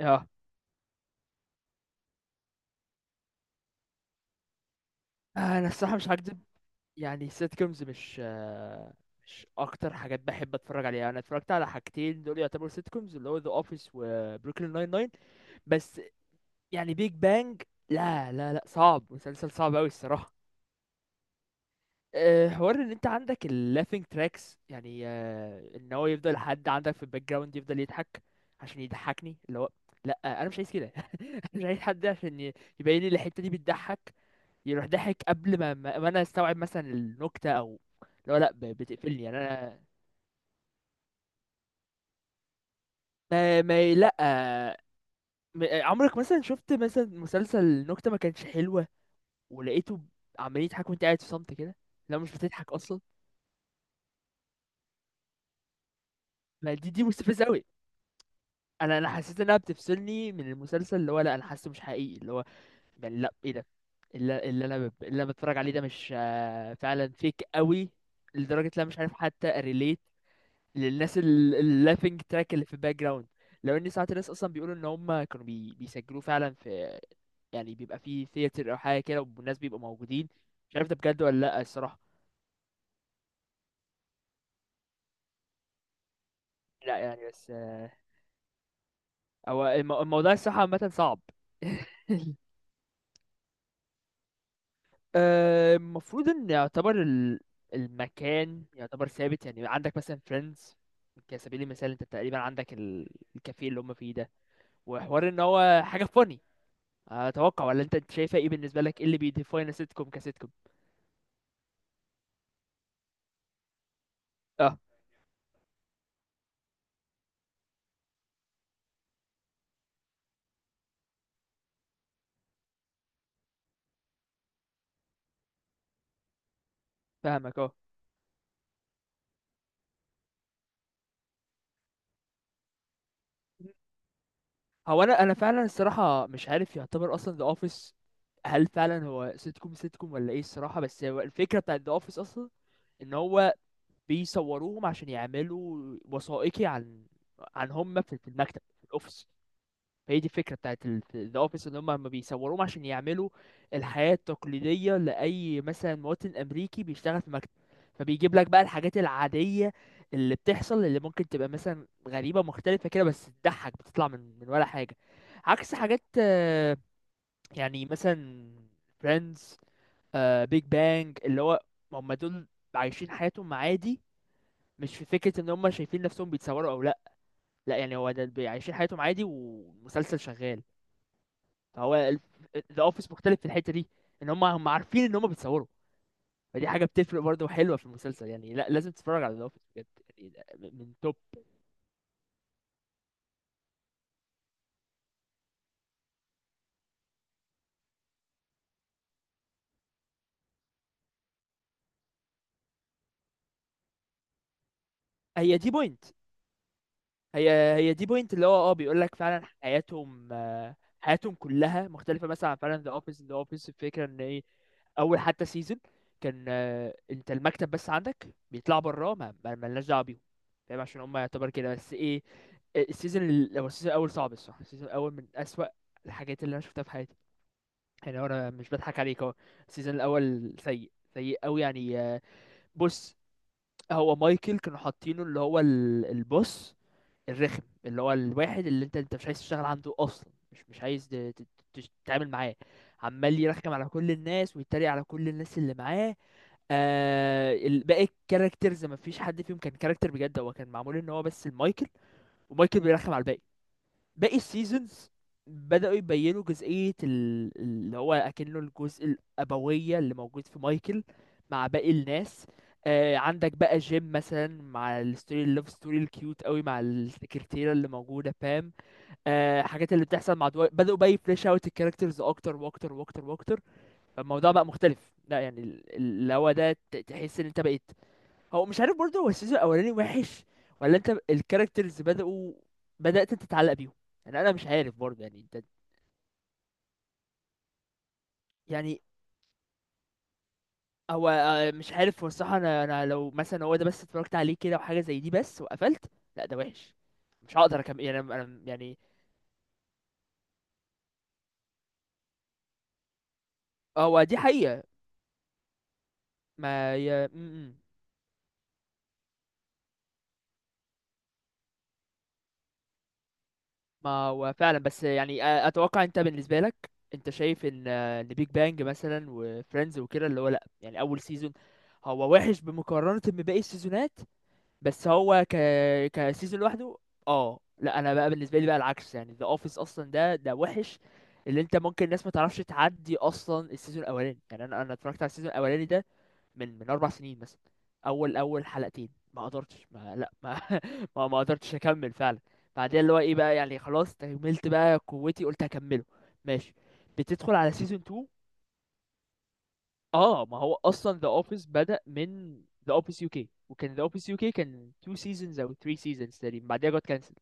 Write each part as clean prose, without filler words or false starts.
اه، انا الصراحه مش هكدب. يعني السيت كومز مش اكتر حاجات بحب اتفرج عليها. انا اتفرجت على حاجتين دول يعتبروا سيت كومز، اللي هو ذا اوفيس وبروكلين ناين ناين. بس يعني بيج بانج، لا لا لا، صعب، مسلسل صعب قوي الصراحه. حوار ان انت عندك اللافينج تراكس، يعني ان هو يفضل حد عندك في الباك جراوند يفضل يضحك عشان يضحكني. اللي هو لا، انا مش عايز كده. انا مش عايز حد عشان يبين لي الحته دي بتضحك، يروح ضحك قبل ما انا استوعب مثلا النكته، او لو لا بتقفلني يعني انا. ما ما لا، عمرك مثلا شفت مثلا مسلسل نكته ما كانش حلوه، ولقيته عمال يضحك وانت قاعد في صمت كده؟ لا مش بتضحك اصلا. ما دي مستفزه قوي. انا حسيت انها بتفصلني من المسلسل، اللي هو لا انا حاسه مش حقيقي. اللي هو يعني لا ايه ده، اللي انا بتفرج عليه ده مش فعلا فيك قوي، لدرجه لا مش عارف حتى relate للناس اللابينج تراك اللي في الباك جراوند. لو ان ساعات الناس اصلا بيقولوا ان هم كانوا بيسجلوه فعلا، في، يعني بيبقى في ثياتر او حاجه كده والناس بيبقوا موجودين. مش عارف ده بجد ولا لا الصراحه. لا يعني بس، هو الموضوع الصراحه عامه صعب. المفروض ان يعتبر المكان يعتبر ثابت. يعني عندك مثلا فريندز كسبيل المثال، انت تقريبا عندك الكافيه اللي هم فيه ده، وحوار ان هو حاجه فوني، اتوقع. ولا انت شايفه، ايه بالنسبه لك ايه اللي بيديفاين السيت كوم كسيت كوم؟ اه، فاهمك. اه، هو انا فعلا الصراحه مش عارف يعتبر اصلا ذا اوفيس هل فعلا هو سيت كوم سيت كوم ولا ايه الصراحه، بس هو الفكره بتاعت ذا اوفيس اصلا ان هو بيصوروهم عشان يعملوا وثائقي عن، عن هم في المكتب في الاوفيس. فهي دي الفكره بتاعت ذا اوفيس، ان هم ما بيصوروهم عشان يعملوا الحياه التقليديه لاي مثلا مواطن امريكي بيشتغل في مكتب. فبيجيب لك بقى الحاجات العاديه اللي بتحصل، اللي ممكن تبقى مثلا غريبه مختلفه كده، بس تضحك، بتطلع من ولا حاجه. عكس حاجات يعني مثلا فريندز، بيج بانج، اللي هو هم دول عايشين حياتهم عادي، مش في فكرة ان هم شايفين نفسهم بيتصوروا او لا. لا يعني هو ده عايشين حياتهم عادي ومسلسل شغال. هو ذا اوفيس مختلف في الحته دي، ان هم، عارفين ان هم بيتصوروا. فدي حاجه بتفرق برضه حلوه في المسلسل. يعني لا، لازم تتفرج على ذا اوفيس بجد. يعني ده من توب. هي دي بوينت هي هي دي بوينت، اللي هو اه بيقول لك فعلا حياتهم حياتهم كلها مختلفة مثلا عن فعلا ذا اوفيس. ذا اوفيس الفكرة ان ايه؟ اول حتى سيزون كان انت المكتب بس عندك، بيطلعوا براه، مالناش دعوه بيهم. فاهم، عشان هم يعتبر كده. بس ايه، هو السيزون الاول صعب الصراحه. السيزون الاول من اسوأ الحاجات اللي انا شفتها في حياتي يعني. هو انا مش بضحك عليك، اهو السيزون الاول سيء سيء قوي، يعني بص. هو مايكل كانوا حاطينه اللي هو البوس الرخم، اللي هو الواحد اللي انت مش عايز تشتغل عنده اصلا، مش عايز تتعامل معاه. عمال يرخم على كل الناس ويتريق على كل الناس اللي معاه. باقي الكاركترز ما فيش حد فيهم كان كاركتر بجد، هو كان معمول ان هو بس المايكل، ومايكل بيرخم على الباقي. باقي السيزونز بدأوا يبينوا جزئية اللي هو أكنه الجزء الأبوية اللي موجود في مايكل مع باقي الناس. عندك بقى جيم مثلا مع الستوري، اللوف ستوري الكيوت قوي مع السكرتيرة اللي موجودة بام. حاجات اللي بتحصل مع دواي. بدأوا بقى يفليش اوت الكاركترز أكتر وأكتر وأكتر وأكتر. فالموضوع بقى مختلف. لا يعني اللي هو ده تحس إن أنت بقيت. هو مش عارف برضه، هو السيزون الاولاني وحش ولا انت الكاركترز بدأت انت تتعلق بيهم. يعني انا مش عارف برضه، يعني انت. يعني هو مش عارف هو الصراحة، انا لو مثلا هو ده بس اتفرجت عليه كده وحاجة زي دي بس وقفلت، لا ده وحش، مش هقدر اكمل يعني. يعني هو دي حقيقة. ما ي... م- م. ما هو فعلا، بس يعني اتوقع انت بالنسبة لك انت شايف ان ان بيج بانج مثلا وفريندز وكده اللي هو، لا يعني اول سيزون هو وحش بمقارنة بباقي السيزونات، بس هو كسيزون لوحده. اه. لا انا بقى بالنسبه لي بقى العكس. يعني ذا اوفيس اصلا ده، وحش. اللي انت، ممكن الناس ما تعرفش تعدي اصلا السيزون الاولاني. يعني انا اتفرجت على السيزون الاولاني ده من 4 سنين مثلا. اول حلقتين، ما قدرتش ما لا ما ما قدرتش اكمل فعلا. بعدين اللي هو ايه بقى، يعني خلاص تكملت، بقى قوتي قلت هكمله، ماشي، بتدخل على سيزون 2. اه، ما هو اصلا ذا اوفيس بدأ من ذا اوفيس يو كي، وكان ذا اوفيس يو كي كان 2 سيزونز او 3 سيزونز تقريبا، بعدها جت كانسل.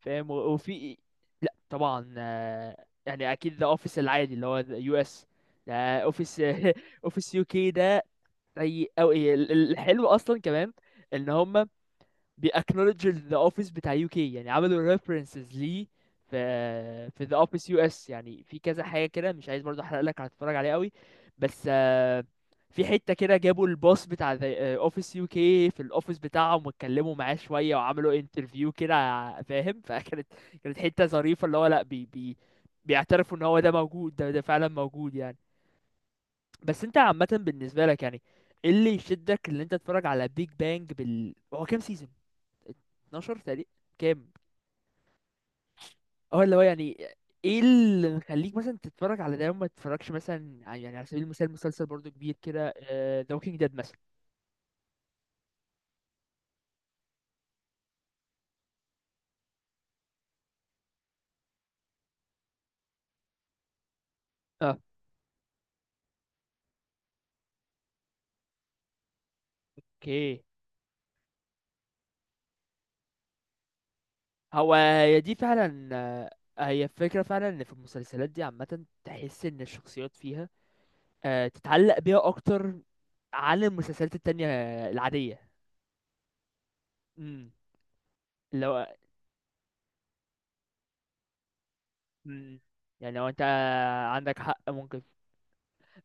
فاهم، وفي. لا طبعا يعني اكيد ذا اوفيس العادي اللي هو يو اس ده، اوفيس. اوفيس يو كي ده سيء. او الحلو اصلا كمان ان هم بيأكنولج ذا اوفيس بتاع يو كي، يعني عملوا ريفرنسز ليه في ذا اوفيس يو اس. يعني في كذا حاجه كده، مش عايز برضه احرق لك، هتتفرج عليه قوي، بس في حته كده جابوا الباص بتاع ذا اوفيس يو كي في الاوفيس بتاعهم، واتكلموا معاه شويه وعملوا انترفيو كده. فاهم. كانت حته ظريفه، اللي هو لا، بي بي بيعترفوا ان هو ده موجود، ده فعلا موجود يعني. بس انت عامه بالنسبه لك يعني ايه اللي يشدك اللي انت تتفرج على بيج بانج؟ بال هو كام سيزون، 12 تقريبا؟ كام؟ اه، اللي هو يعني ايه اللي مخليك مثلا تتفرج على ده وما تتفرجش مثلا يعني على سبيل المثال مسلسل برضو كبير كده، ذا ووكينج ديد مثلا؟ اه، اوكي. هو هي دي فعلا هي الفكرة فعلا ان في المسلسلات دي عامة تحس ان الشخصيات فيها تتعلق بيها اكتر عن المسلسلات التانية العادية. امم. لو، امم، يعني لو انت، عندك حق ممكن.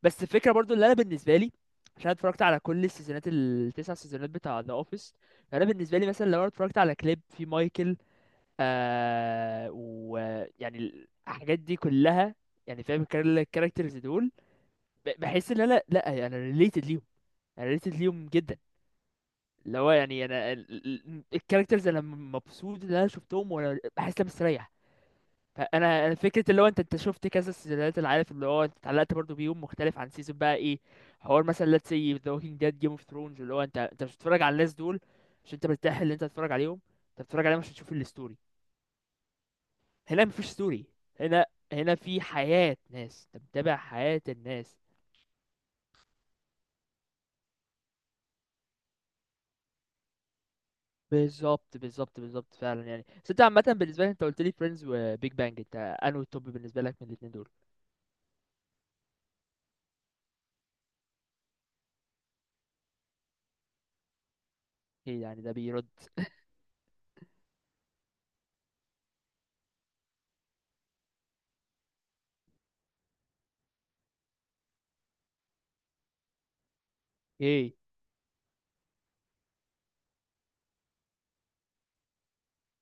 بس الفكره برضو اللي انا بالنسبه لي، عشان أنا اتفرجت على كل السيزونات التسع سيزونات بتاع ذا اوفيس، انا بالنسبه لي مثلا لو انا اتفرجت على كليب في مايكل ويعني الحاجات دي كلها، يعني فاهم الكاركترز دول، بحس ان انا لا يعني انا ريليتد ليهم، انا ريليتد ليهم جدا. اللي هو يعني انا الكاركترز، انا مبسوط ان انا شفتهم، وانا بحس ان انا مستريح. انا فكره اللي هو انت، شفت كذا سيزونات، اللي عارف اللي هو انت اتعلقت برضو بيهم مختلف عن سيزون بقى، ايه؟ حوار مثلا let's say The Walking Dead, Game of Thrones، اللي هو انت، مش بتتفرج على الناس دول عشان انت مرتاح اللي انت تتفرج عليهم، انت بتتفرج عليهم عشان تشوف الستوري. هنا مفيش ستوري. هنا، هنا في حياه ناس، انت متابع حياه الناس. بالظبط بالظبط بالظبط فعلا يعني. بس انت عامه بالنسبه لي، انت قلت لي فريندز وبيج بانج، انت انهي التوب بالنسبه لك من الاثنين دول؟ ايه يعني ده بيرد؟ ايه،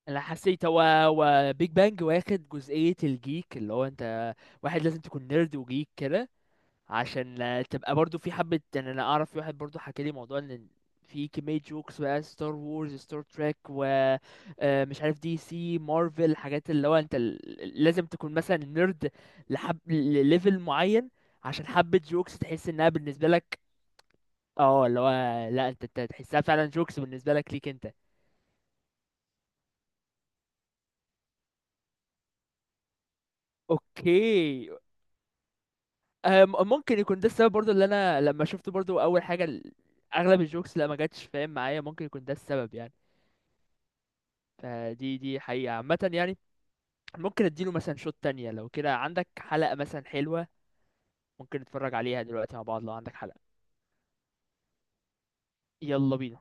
انا حسيت هو وبيج بانج واخد جزئية الجيك اللي هو انت، واحد لازم تكون نيرد وجيك كده عشان تبقى برضو في حبة. يعني انا اعرف في واحد برضو حكى لي موضوع ان في كمية جوكس بقى ستار وورز، ستار تريك، و مش عارف دي سي، مارفل، حاجات اللي هو انت لازم تكون مثلا نيرد لحب لليفل معين عشان حبة جوكس تحس انها بالنسبة لك. اه، اللي هو لا، انت أنت تحسها فعلا جوكس بالنسبة لك، ليك انت. اوكي. ممكن يكون ده السبب برضو، اللي انا لما شفت برضو اول حاجه اغلب الجوكس، لا، ما جاتش فاهم معايا. ممكن يكون ده السبب يعني. فدي حقيقه عامه يعني. ممكن اديله مثلا شوت تانية، لو كده عندك حلقه مثلا حلوه. ممكن نتفرج عليها دلوقتي مع بعض، لو عندك حلقه. يلا بينا.